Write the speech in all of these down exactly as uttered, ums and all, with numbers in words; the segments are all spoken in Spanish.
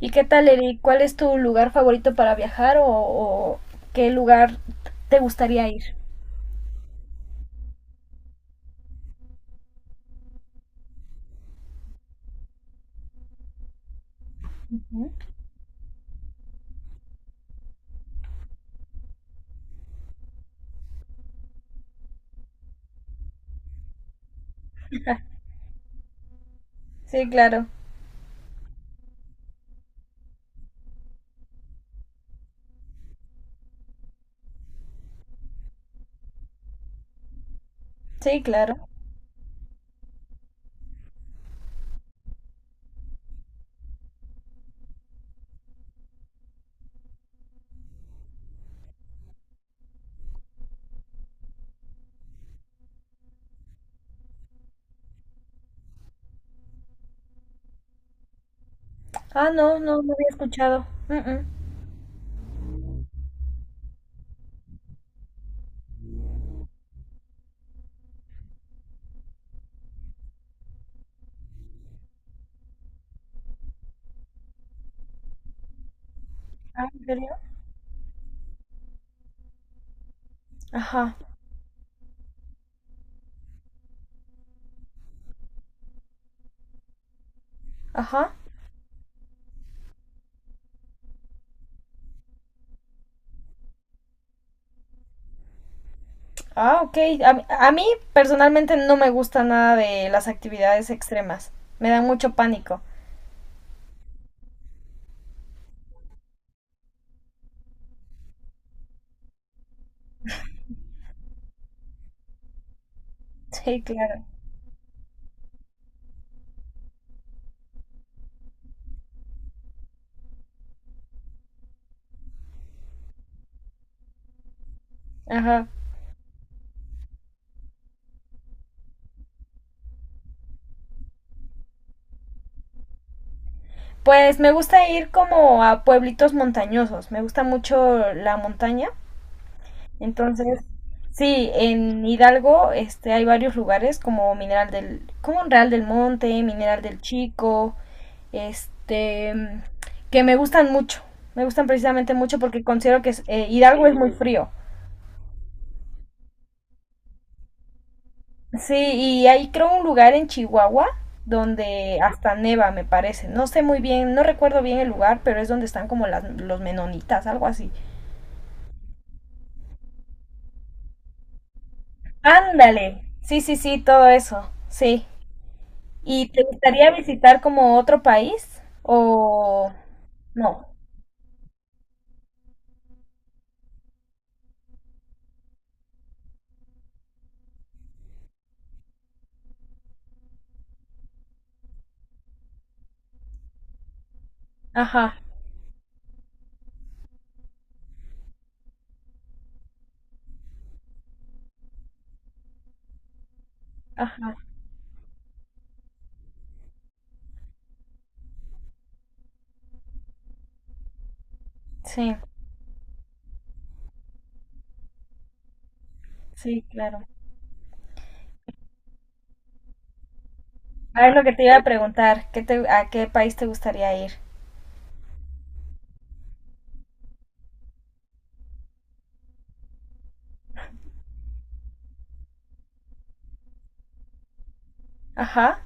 ¿Y qué tal, Eric? ¿Cuál es tu lugar favorito para viajar o, o qué lugar te gustaría ir? Ujú. Sí, claro. Sí, claro. Ah, no, no, no había escuchado. Mm, mm. Ah, ¿en serio? Ajá, ajá. Ah, ok. A, mí a mí, personalmente no me gusta nada de las actividades extremas. Me da mucho pánico. Sí, claro. Ajá. Pues me gusta ir como a pueblitos montañosos. Me gusta mucho la montaña. Entonces, sí, en Hidalgo este, hay varios lugares como Mineral del, como Real del Monte, Mineral del Chico, este, mm, que me gustan mucho. Me gustan precisamente mucho porque considero que es- eh, Hidalgo es muy frío. Sí, y hay creo un lugar en Chihuahua donde hasta neva, me parece. No sé muy bien, no recuerdo bien el lugar, pero es donde están como las, los menonitas, algo así. Ándale. Sí, sí, sí, todo eso. Sí. ¿Y te gustaría visitar como otro país? ¿O no? Ajá, ajá, sí, sí, claro. A ver, lo que te iba a preguntar, ¿qué te, a qué país te gustaría ir? Ajá.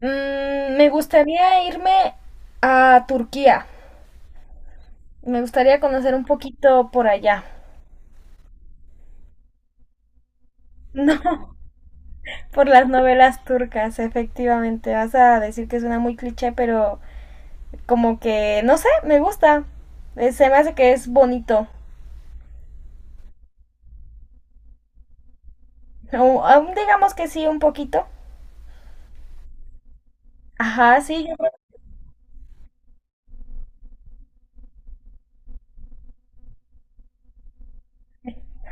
Mm, me gustaría irme a Turquía. Me gustaría conocer un poquito por allá. No, por las novelas turcas, efectivamente. Vas a decir que suena muy cliché, pero como que, no sé, me gusta. Eh, Se me hace que es bonito. Aún- aún digamos que sí, un poquito. Ajá, sí, yo creo.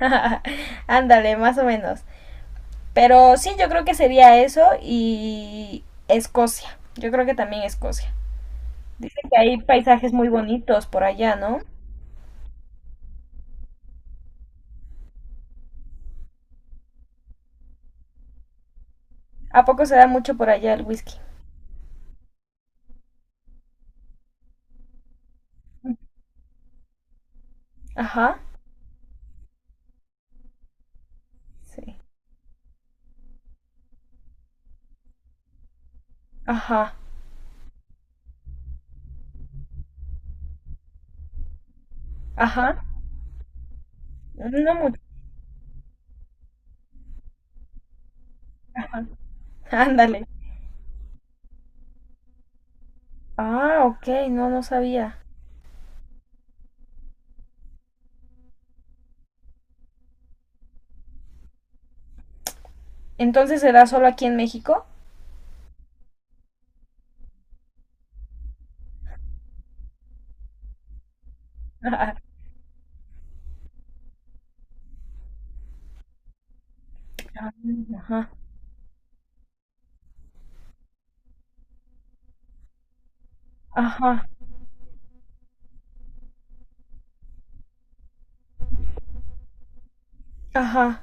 Ándale, más o menos. Pero sí, yo creo que sería eso y Escocia. Yo creo que también Escocia. Dicen que hay paisajes muy bonitos por allá, ¿no? ¿A poco se da mucho por allá el whisky? Ajá, sí. Ajá, ajá. No mucho. Ándale. Ah, ok, no, no sabía. Entonces será solo aquí en México. Ajá, ajá, ajá,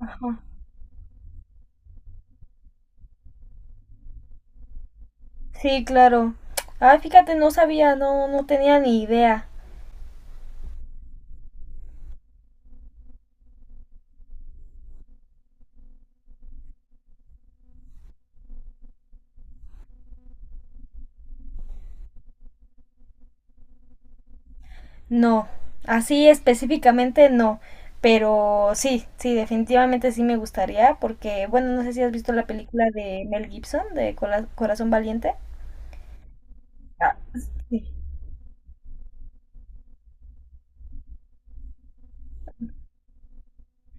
ajá. Sí, claro. Ah, fíjate, no sabía, no, no tenía ni idea. No, así específicamente no. Pero sí, sí, definitivamente sí me gustaría porque, bueno, no sé si has visto la película de Mel Gibson, de Cola- Corazón Valiente. Ah, sí.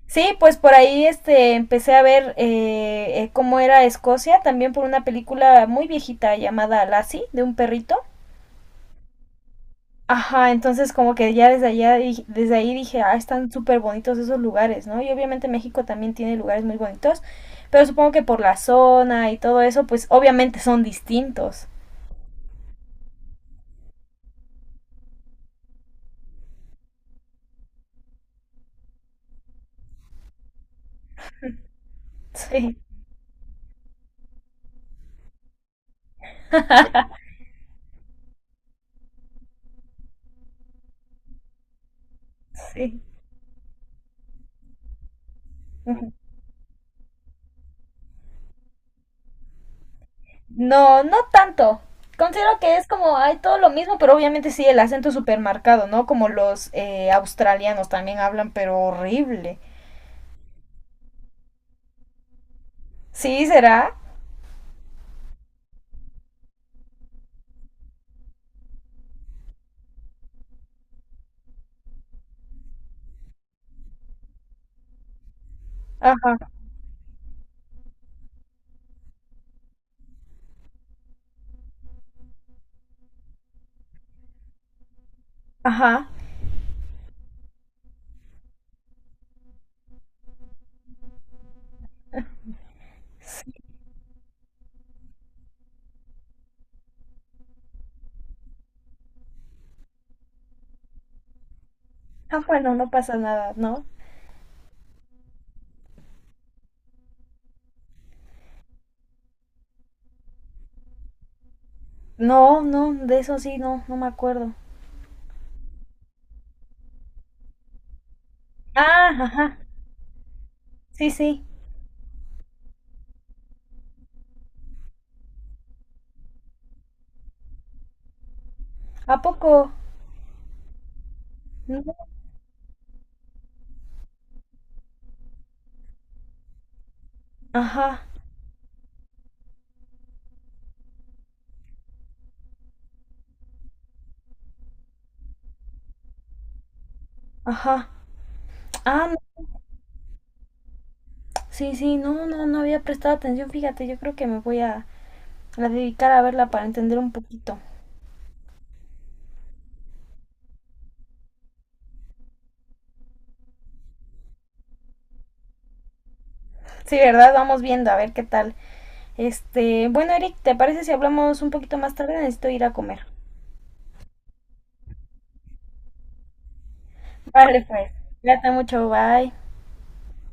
Sí, pues por ahí este, empecé a ver eh, eh, cómo era Escocia, también por una película muy viejita llamada Lassie, de un perrito. Ajá, entonces como que ya desde allá, di- desde ahí dije, ah, están súper bonitos esos lugares, ¿no? Y obviamente México también tiene lugares muy bonitos, pero supongo que por la zona y todo eso, pues obviamente son distintos. Sí, sí. Ujú. No, no tanto. Considero que es como, hay todo lo mismo, pero obviamente sí, el acento súper marcado, ¿no? Como los eh, australianos también hablan, pero horrible. Sí, ¿será? Ajá, ajá. Sí. Ah, bueno, no pasa nada, ¿no? No, no, de eso sí, no, no me acuerdo. Ah, ajá, sí, sí. ¿A poco? No, Ajá, ajá. Ah, no, sí, sí, no, no, no había prestado atención. Fíjate, yo creo que me voy a, a dedicar a verla para entender un poquito. Sí, ¿verdad? Vamos viendo, a ver qué tal. Este, bueno, Eric, ¿te parece si hablamos un poquito más tarde? Necesito ir a comer. Vale, pues. Cuídate mucho, bye.